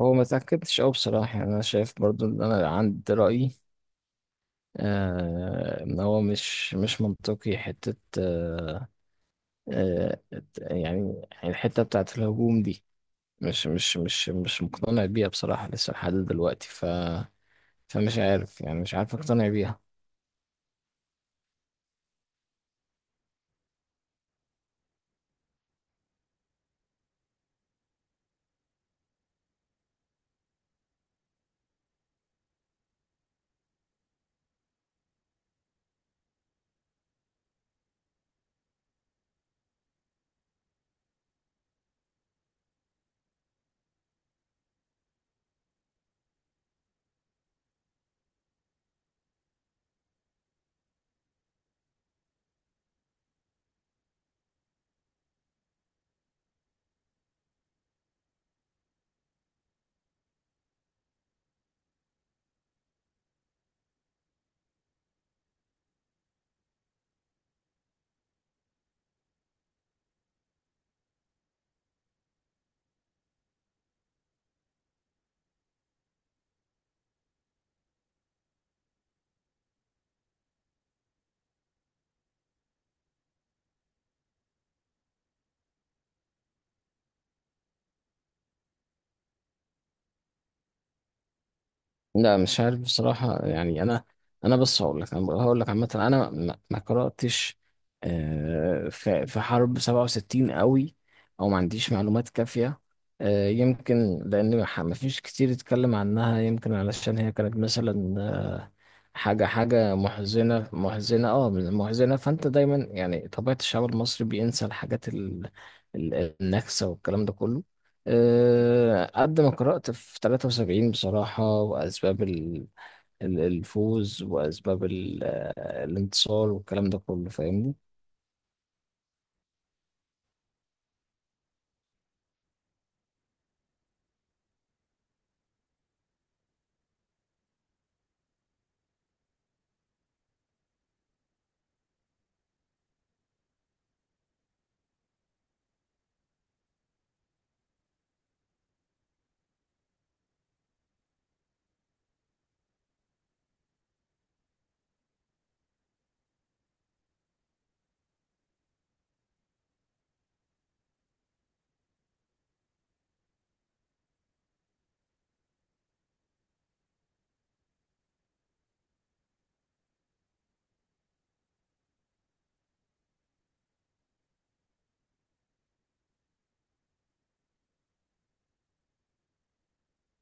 هو ما تأكدتش أوي بصراحة، يعني أنا شايف برضو إن أنا عندي رأيي. إن هو مش منطقي حتة. آه يعني الحتة بتاعة الهجوم دي، مش مقتنع بيها بصراحة لسه لحد دلوقتي. فمش عارف، يعني مش عارف أقتنع بيها. لا مش عارف بصراحة، يعني أنا بص هقول لك، أنا هقول لك عامة. أنا ما قرأتش في حرب 67 قوي، أو ما عنديش معلومات كافية. يمكن لأن ما فيش كتير اتكلم عنها، يمكن علشان هي كانت مثلا حاجة محزنة محزنة أه محزنة. فأنت دايما يعني طبيعة الشعب المصري بينسى النكسة والكلام ده كله. قد ما قرأت في 73 بصراحة، وأسباب الفوز، وأسباب الانتصار والكلام ده كله، فاهمني؟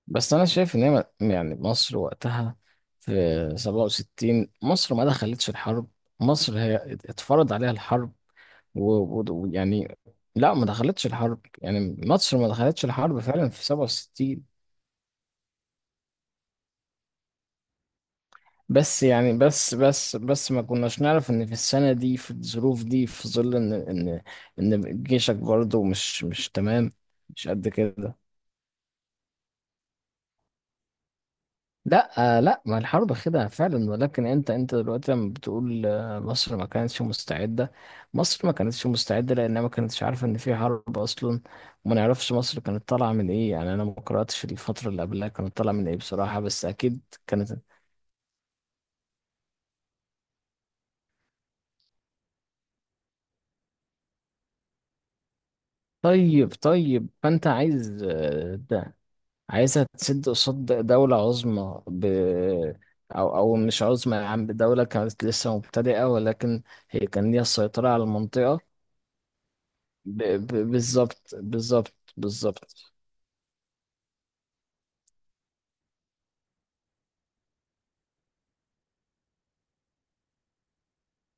بس أنا شايف إن هي يعني مصر وقتها في 67 مصر ما دخلتش الحرب، مصر هي اتفرض عليها الحرب. ويعني لا، ما دخلتش الحرب، يعني مصر ما دخلتش الحرب فعلا في 67. بس يعني بس بس بس ما كناش نعرف ان في السنة دي، في الظروف دي، في ظل ان جيشك برضو مش تمام، مش قد كده. لا لا، ما الحرب خدعة فعلا، ولكن انت دلوقتي لما بتقول مصر ما كانتش مستعدة، مصر ما كانتش مستعدة لانها ما كانتش عارفة ان في حرب اصلا، وما نعرفش مصر كانت طالعة من ايه. يعني انا ما قرأتش الفترة اللي قبلها كانت طالعة من ايه بصراحة، بس اكيد كانت. طيب فانت عايز عايزة تسد قصاد دولة عظمى، ب... أو أو مش عظمى يا عم، دولة كانت لسه مبتدئة، ولكن هي كان ليها السيطرة على المنطقة. بالظبط بالظبط.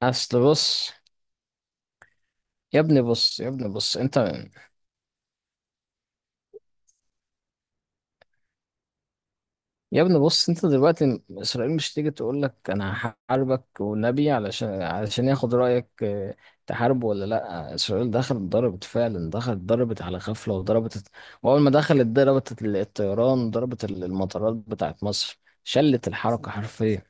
أصل بص، يا ابني بص أنت. يا ابني بص، انت دلوقتي اسرائيل مش تيجي تقول لك انا هحاربك والنبي علشان ياخد رايك. اه، تحارب ولا لا؟ اسرائيل دخلت ضربت فعلا، دخلت ضربت على غفله وضربت. واول ما دخلت ضربت الطيران، ضربت المطارات بتاعت مصر، شلت الحركه حرفيا.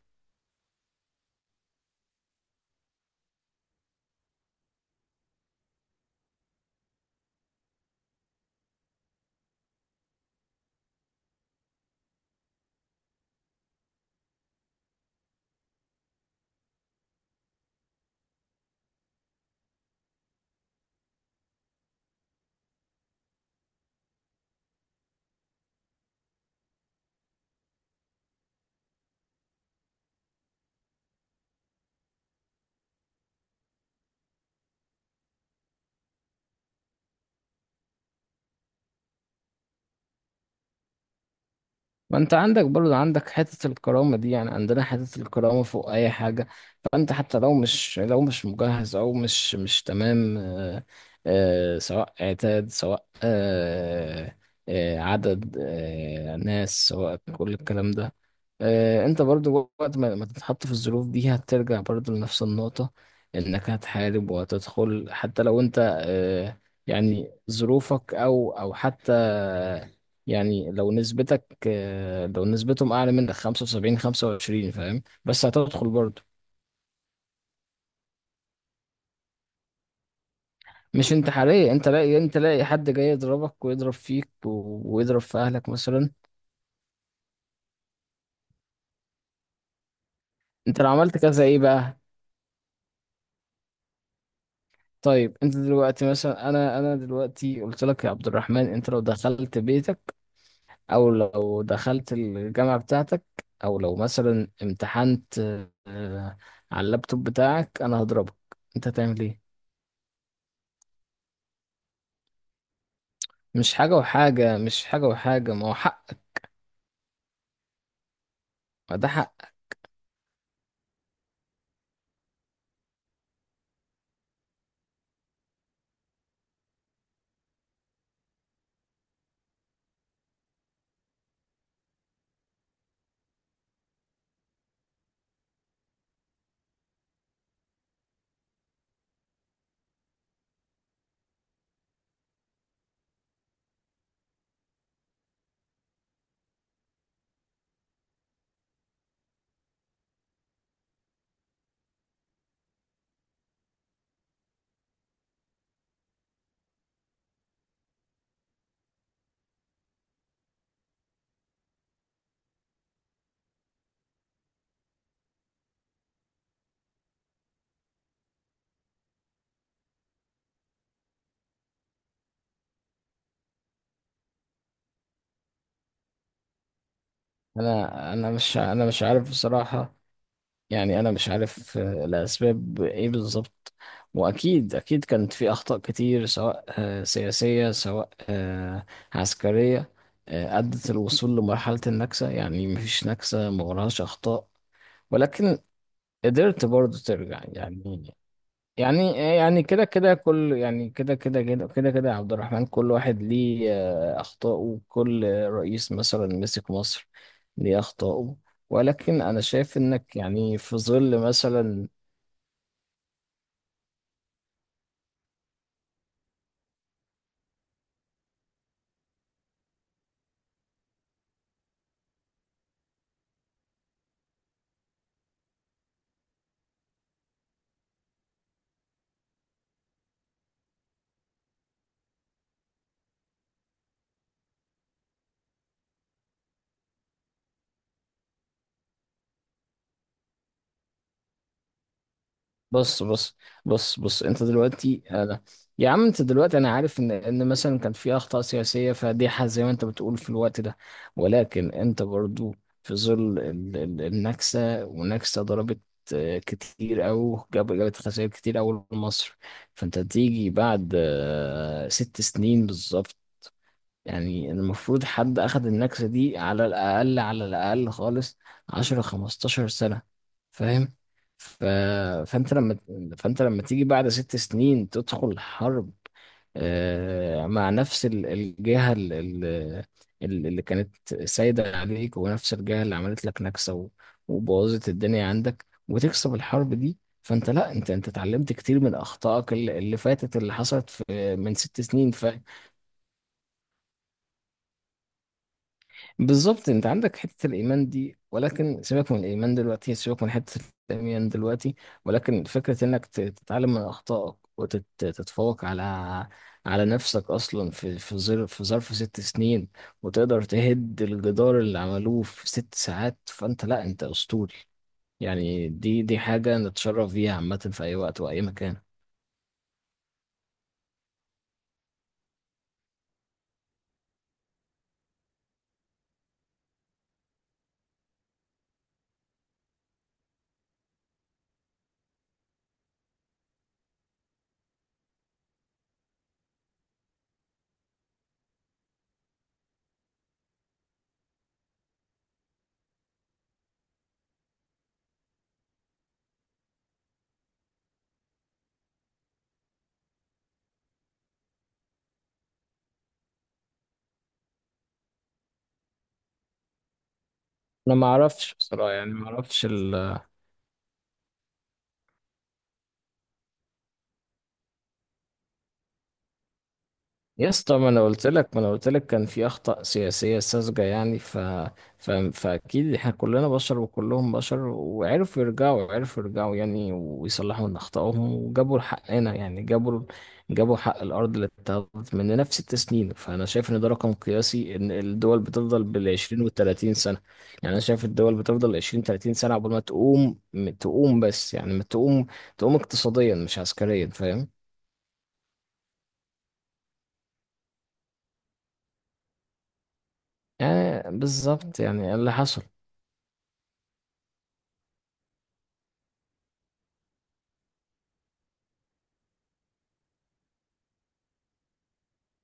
ما انت عندك برضه، عندك حتة الكرامة دي، يعني عندنا حتة الكرامة فوق أي حاجة. فأنت حتى لو مش، مجهز، أو مش تمام، سواء عتاد، سواء عدد، ناس، سواء كل الكلام ده. انت برضه وقت ما تتحط في الظروف دي هترجع برضه لنفس النقطة، انك هتحارب وهتدخل حتى لو انت آه، يعني ظروفك، او حتى يعني لو نسبتك لو نسبتهم اعلى منك 75-25، فاهم؟ بس هتدخل برضه. مش انتحارية، انت لاقي حد جاي يضربك ويضرب فيك ويضرب في اهلك مثلا. انت لو عملت كذا ايه بقى؟ طيب انت دلوقتي مثلا، انا دلوقتي قلت لك يا عبد الرحمن انت لو دخلت بيتك، او لو دخلت الجامعة بتاعتك، او لو مثلا امتحنت آه، على اللابتوب بتاعك، انا هضربك، انت هتعمل ايه؟ مش حاجة وحاجة، ما هو حق، ما ده حق. انا مش عارف بصراحة، يعني انا مش عارف الاسباب ايه بالظبط. واكيد كانت في اخطاء كتير، سواء سياسية، سواء عسكرية، ادت الوصول لمرحلة النكسة. يعني مفيش نكسة ما وراهاش اخطاء، ولكن قدرت برضو ترجع يعني. يعني يعني كده كده كل يعني كده كده كده كده كده يا عبد الرحمن، كل واحد ليه أخطاءه. كل رئيس مثلا مسك مصر ليه أخطاءه. ولكن أنا شايف إنك يعني في ظل مثلا. بص بص بص انت دلوقتي انا، يا عم انت دلوقتي انا عارف ان مثلا كان في اخطاء سياسيه فادحه زي ما انت بتقول في الوقت ده، ولكن انت برضو في ظل النكسه، ونكسه ضربت كتير، او جابت خسائر كتير أوي لمصر. فانت تيجي بعد 6 سنين بالظبط، يعني المفروض حد أخد النكسة دي على الأقل، خالص 10 15 سنة، فاهم؟ ف... فأنت لما فأنت لما تيجي بعد 6 سنين تدخل حرب مع نفس الجهة، اللي كانت سايدة عليك، ونفس الجهة اللي عملت لك نكسة وبوظت الدنيا عندك، وتكسب الحرب دي. فانت لا، انت اتعلمت كتير من اخطائك اللي فاتت، اللي حصلت في من 6 سنين. بالظبط، انت عندك حته الايمان دي، ولكن سيبك من الايمان دلوقتي، سيبك من حته الايمان دلوقتي. ولكن فكره انك تتعلم من اخطائك وتتفوق على نفسك اصلا، في ظرف، 6 سنين، وتقدر تهد الجدار اللي عملوه في 6 ساعات. فانت لا، انت اسطوري، يعني دي حاجه نتشرف بيها عامه في اي وقت واي مكان. انا ما اعرفش بصراحه، يعني ما اعرفش. يا اسطى، ما انا قلت لك ما انا قلت لك كان في اخطاء سياسيه ساذجه. يعني فاكيد احنا كلنا بشر، وكلهم بشر، وعرفوا يرجعوا عرفوا يرجعوا يعني، ويصلحوا من اخطائهم، وجابوا حقنا. يعني جابوا حق الارض اللي اتاخدت مننا في 6 سنين. فانا شايف ان ده رقم قياسي، ان الدول بتفضل بالـ20 والـ30 سنة. يعني انا شايف الدول بتفضل 20 30 سنة قبل ما تقوم، تقوم بس يعني ما تقوم تقوم اقتصاديا مش عسكريا، فاهم؟ يعني بالظبط، يعني اللي حصل.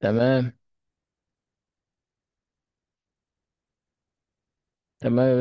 تمام تمام.